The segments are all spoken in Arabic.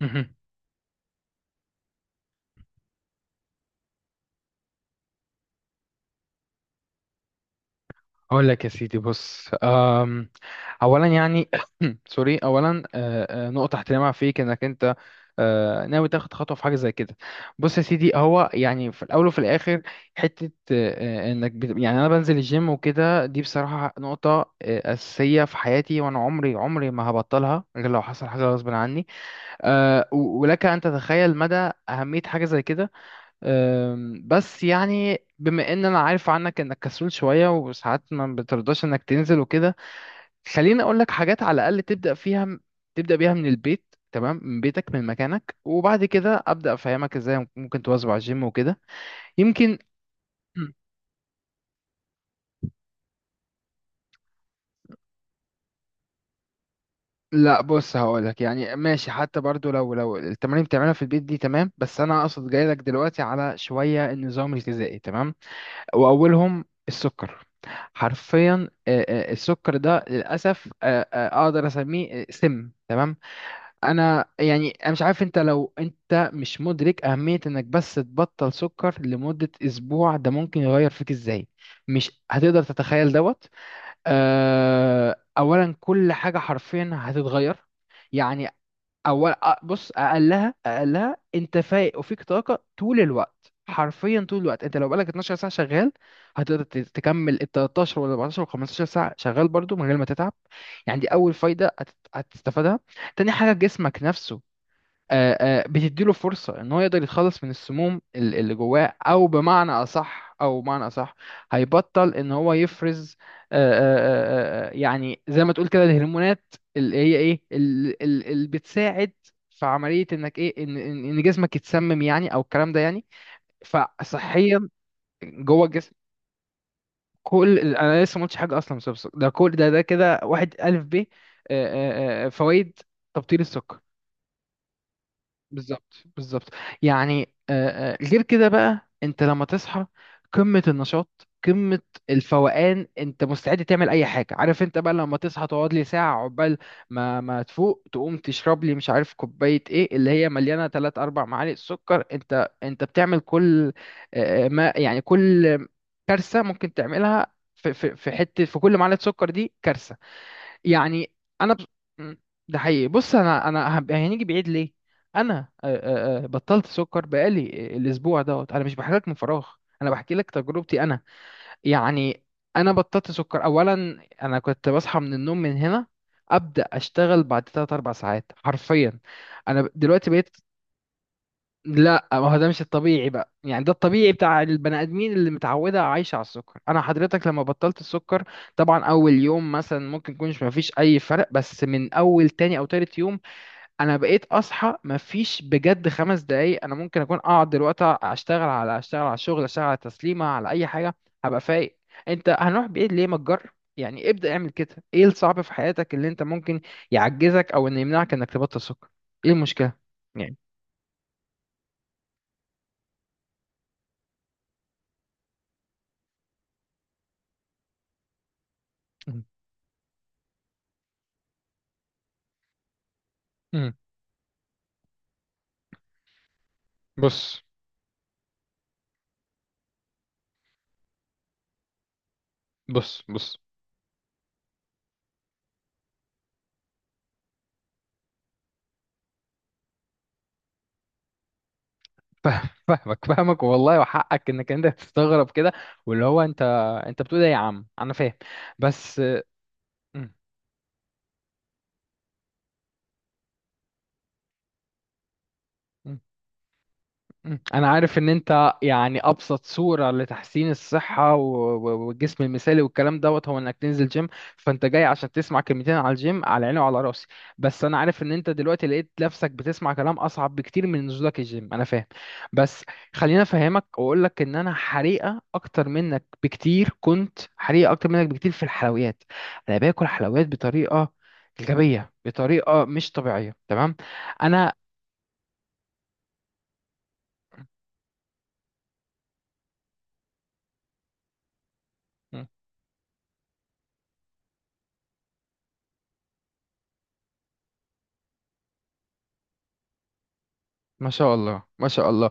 مهم. اقول لك يا سيدي، بص، اولا يعني سوري. اولا نقطه احترامها فيك انك انت ناوي تاخد خطوه في حاجه زي كده. بص يا سيدي، هو يعني في الاول وفي الاخر حته يعني انا بنزل الجيم وكده، دي بصراحه نقطه اساسيه في حياتي، وانا عمري ما هبطلها غير لو حصل حاجه غصب عني. ولك ان تتخيل مدى اهميه حاجه زي كده. بس يعني بما ان انا عارف عنك انك كسول شوية وساعات ما بترضاش انك تنزل وكده، خليني اقول لك حاجات على الاقل تبدأ فيها، تبدأ بيها من البيت، تمام، من بيتك، من مكانك، وبعد كده ابدأ افهمك ازاي ممكن تواظب على الجيم وكده. يمكن مم. لا بص، هقولك يعني ماشي، حتى برضو لو التمارين بتعملها في البيت دي تمام، بس انا اقصد جايلك دلوقتي على شوية النظام الغذائي، تمام. واولهم السكر. حرفيا السكر ده للاسف اقدر اسميه سم، تمام. انا يعني انا مش عارف انت، لو انت مش مدرك اهميه انك بس تبطل سكر لمده اسبوع، ده ممكن يغير فيك ازاي، مش هتقدر تتخيل دوت. اولا كل حاجه حرفيا هتتغير. يعني اول بص، اقلها انت فايق وفيك طاقه طول الوقت، حرفيا طول الوقت. انت لو بقالك 12 ساعه شغال، هتقدر تكمل ال 13 ولا 14 ولا 15 ساعه شغال برضو من غير ما تتعب. يعني دي اول فايده هتستفادها. تاني حاجه، جسمك نفسه آه، بتديله فرصة ان هو يقدر يتخلص من السموم اللي جواه، او بمعنى اصح هيبطل ان هو يفرز يعني زي ما تقول كده الهرمونات اللي هي ايه، اللي بتساعد في عملية انك ايه، ان ان إن جسمك يتسمم يعني، او الكلام ده، يعني فصحيا جوه الجسم. انا لسه ما قلتش حاجة اصلا بسبب السكر. ده كل ده كده، واحد الف ب فوائد تبطيل السكر. بالظبط بالظبط. يعني غير كده بقى، انت لما تصحى قمة النشاط، قمة الفوقان، انت مستعد تعمل اي حاجة. عارف انت بقى لما تصحى تقعد لي ساعة عقبال ما تفوق، تقوم تشرب لي مش عارف كوباية، ايه اللي هي مليانة 3 4 معالق سكر، انت بتعمل كل ما يعني كل كارثة ممكن تعملها. في حتة في كل معلقة سكر دي كارثة يعني. انا م، ده حقيقي. بص، انا انا هنيجي بعيد ليه، انا بطلت سكر بقالي الاسبوع دوت. انا مش بحكي لك من فراغ، انا بحكي لك تجربتي انا، يعني انا بطلت سكر اولا. انا كنت بصحى من النوم من هنا، ابدا اشتغل بعد 3 4 ساعات حرفيا. انا دلوقتي بقيت. لا، ما هو ده مش الطبيعي بقى، يعني ده الطبيعي بتاع البني ادمين اللي متعوده عايشه على السكر. انا حضرتك لما بطلت السكر، طبعا اول يوم مثلا ممكن يكونش ما فيش اي فرق، بس من اول تاني او تالت يوم انا بقيت اصحى ما فيش بجد خمس دقايق، انا ممكن اكون اقعد دلوقتي اشتغل على الشغل، اشتغل على تسليمه، على اي حاجه، هبقى فايق. انت هنروح بعيد ليه، ما تجرب، يعني ابدا اعمل كده. ايه الصعب في حياتك اللي انت ممكن يعجزك او انه يمنعك انك تبطل سكر؟ ايه المشكله يعني؟ بص بص فاهمك والله، وحقك انك انت تستغرب كده، واللي هو انت بتقول ايه يا عم، انا فاهم بس. مم. مم. انا عارف ان انت يعني ابسط صورة لتحسين الصحة والجسم المثالي والكلام دوت هو انك تنزل جيم، فانت جاي عشان تسمع كلمتين على الجيم، على عيني وعلى راسي، بس انا عارف ان انت دلوقتي لقيت نفسك بتسمع كلام اصعب بكتير من نزولك الجيم، انا فاهم بس. خليني افهمك واقول لك ان انا حريقة اكتر منك بكتير، كنت حريقة اكتر منك بكتير في الحلويات. انا باكل حلويات بطريقة غبية، بطريقة مش طبيعية، تمام. انا مم. ما شاء الله ما شاء الله.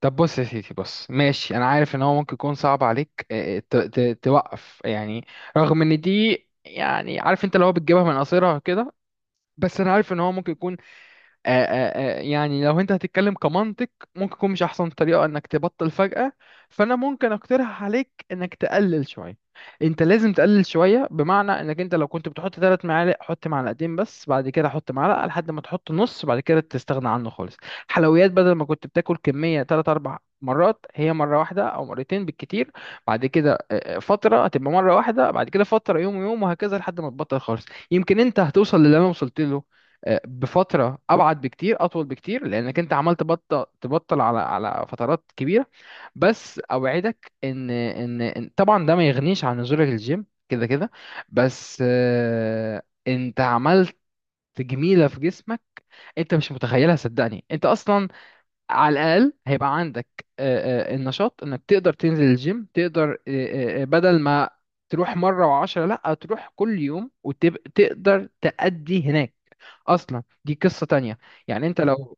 طب بص يا سيدي، بص ماشي، انا عارف ان هو ممكن يكون صعب عليك توقف يعني رغم ان دي، يعني عارف انت اللي هو بتجيبها من قصيرها كده، بس انا عارف ان هو ممكن يكون يعني لو انت هتتكلم كمنطق ممكن يكون مش احسن طريقة انك تبطل فجأة. فانا ممكن اقترح عليك انك تقلل شوية، انت لازم تقلل شوية، بمعنى انك انت لو كنت بتحط ثلاث معالق حط معلقتين بس، بعد كده حط معلقة، لحد ما تحط نص، بعد كده تستغنى عنه خالص. حلويات، بدل ما كنت بتاكل كمية ثلاث اربع مرات، هي مرة واحدة او مرتين بالكتير، بعد كده فترة هتبقى مرة واحدة، بعد كده فترة يوم ويوم، وهكذا لحد ما تبطل خالص. يمكن انت هتوصل للي انا وصلت له بفتره ابعد بكتير، اطول بكتير، لانك انت عمال تبطل على فترات كبيره. بس اوعدك طبعا ده ما يغنيش عن نزولك الجيم كده كده، بس انت عملت جميله في جسمك انت مش متخيلها، صدقني. انت اصلا على الاقل هيبقى عندك النشاط انك تقدر تنزل الجيم، تقدر بدل ما تروح مره وعشرة لا، تروح كل يوم وتقدر تأدي هناك. اصلا دي قصة تانية، يعني انت لو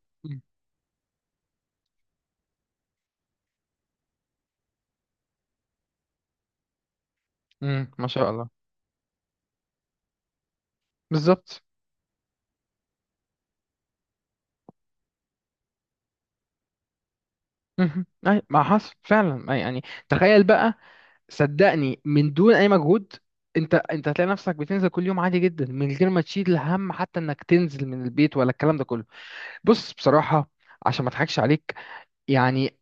ما شاء الله، بالظبط. مهم. أي ما حصل فعلا، أي يعني. تخيل بقى، صدقني من دون اي مجهود انت هتلاقي نفسك بتنزل كل يوم عادي جدا من غير ما تشيل هم حتى انك تنزل من البيت ولا الكلام ده كله. بص بصراحة عشان ما اضحكش عليك، يعني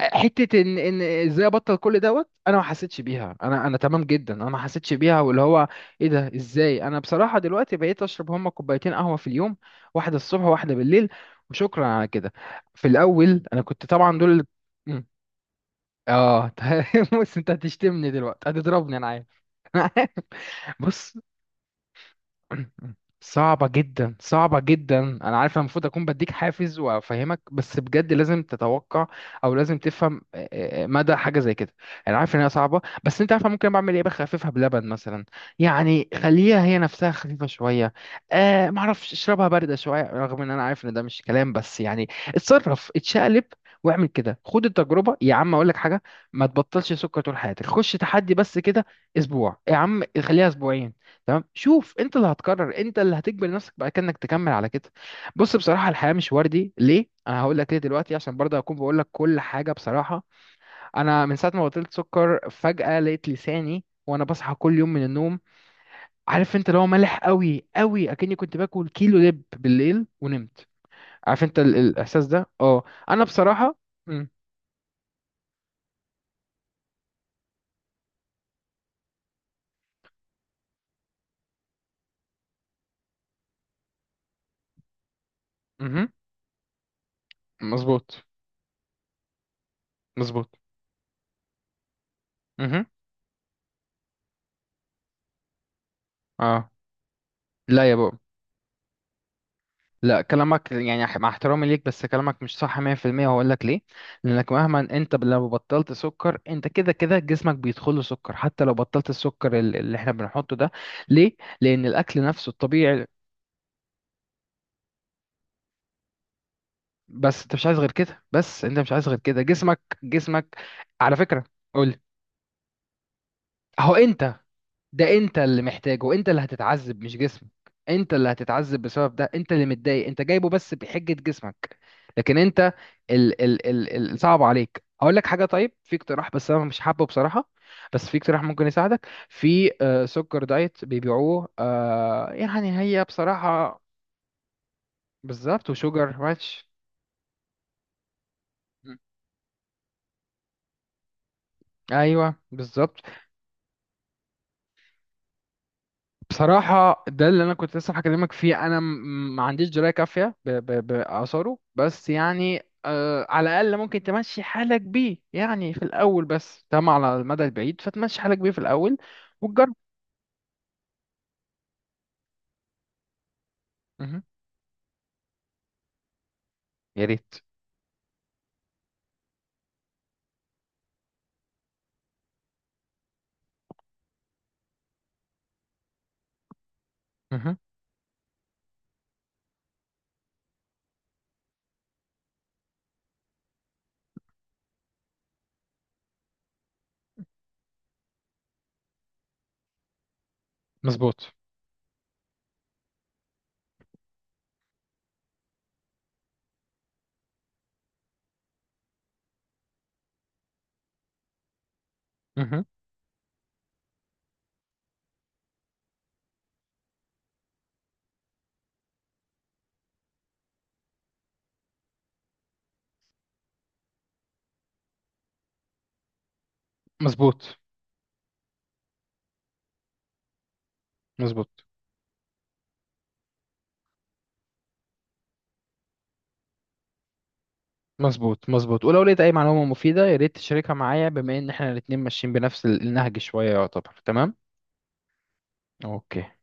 حته ان ازاي ابطل كل دوت انا ما حسيتش بيها، انا تمام جدا، انا ما حسيتش بيها، واللي هو ايه ده ازاي؟ انا بصراحه دلوقتي بقيت اشرب هما كوبايتين قهوه في اليوم، واحده الصبح وواحده بالليل، وشكرا على كده. في الاول انا كنت طبعا دول مم. اه بص انت هتشتمني دلوقتي، هتضربني، انا عارف. بص، صعبة جدا صعبة جدا، أنا عارف، أنا المفروض أكون بديك حافز وأفهمك بس بجد لازم تتوقع، أو لازم تفهم مدى حاجة زي كده. أنا عارف إن هي صعبة، بس أنت عارف أنا ممكن بعمل إيه، بخففها بلبن مثلا، يعني خليها هي نفسها خفيفة شوية، معرفش اشربها باردة شوية، رغم إن أنا عارف إن ده مش كلام، بس يعني اتصرف، اتشقلب، واعمل كده، خد التجربة. يا عم أقول لك حاجة، ما تبطلش سكر طول حياتك، خش تحدي بس كده، أسبوع يا عم، خليها أسبوعين، تمام، شوف انت اللي هتقرر، انت اللي هتجبر نفسك بقى كأنك تكمل على كده. بص بصراحة، الحياة مش وردي، ليه؟ انا هقول لك ليه دلوقتي عشان برضه اكون بقول لك كل حاجة بصراحة. انا من ساعة ما بطلت سكر فجأة لقيت لساني وانا بصحى كل يوم من النوم، عارف انت اللي هو مالح قوي قوي، اكني كنت باكل كيلو لب بالليل ونمت، عارف انت الاحساس ده؟ اه. انا بصراحة امم مظبوط مظبوط. امم اه. لا يا بابا، لا، كلامك يعني مع احترامي ليك بس كلامك مش صح 100%، وهقول لك ليه. لانك مهما انت لو بطلت سكر، انت كده كده جسمك بيدخل له سكر حتى لو بطلت السكر اللي احنا بنحطه ده. ليه؟ لان الاكل نفسه الطبيعي. بس انت مش عايز غير كده، بس انت مش عايز غير كده، جسمك، جسمك على فكرة. قول. هو انت، ده انت اللي محتاجه، انت اللي هتتعذب مش جسمك. انت اللي هتتعذب بسبب ده، انت اللي متضايق، انت جايبه بس بحجة جسمك، لكن انت ال ال ال ال صعب عليك. هقول لك حاجة، طيب في اقتراح، بس انا مش حابه بصراحة. بس في اقتراح ممكن يساعدك في سكر دايت بيبيعوه، يعني هي بصراحة. بالظبط، وشوجر ماتش. مم. ايوه بالظبط. بصراحة ده اللي أنا كنت لسه هكلمك فيه، أنا ما عنديش دراية كافية بآثاره، بس يعني على الأقل ممكن تمشي حالك بيه يعني في الأول بس، تمام، على المدى البعيد، فتمشي حالك بيه في الأول وتجرب. مهم. يا ريت. مهم. مظبوط. مهم. مظبوط مظبوط مظبوط مظبوط، ولو لقيت أي معلومة مفيدة يا ريت تشاركها معايا، بما إن إحنا الاتنين ماشيين بنفس النهج شوية، يعتبر تمام؟ أوكي.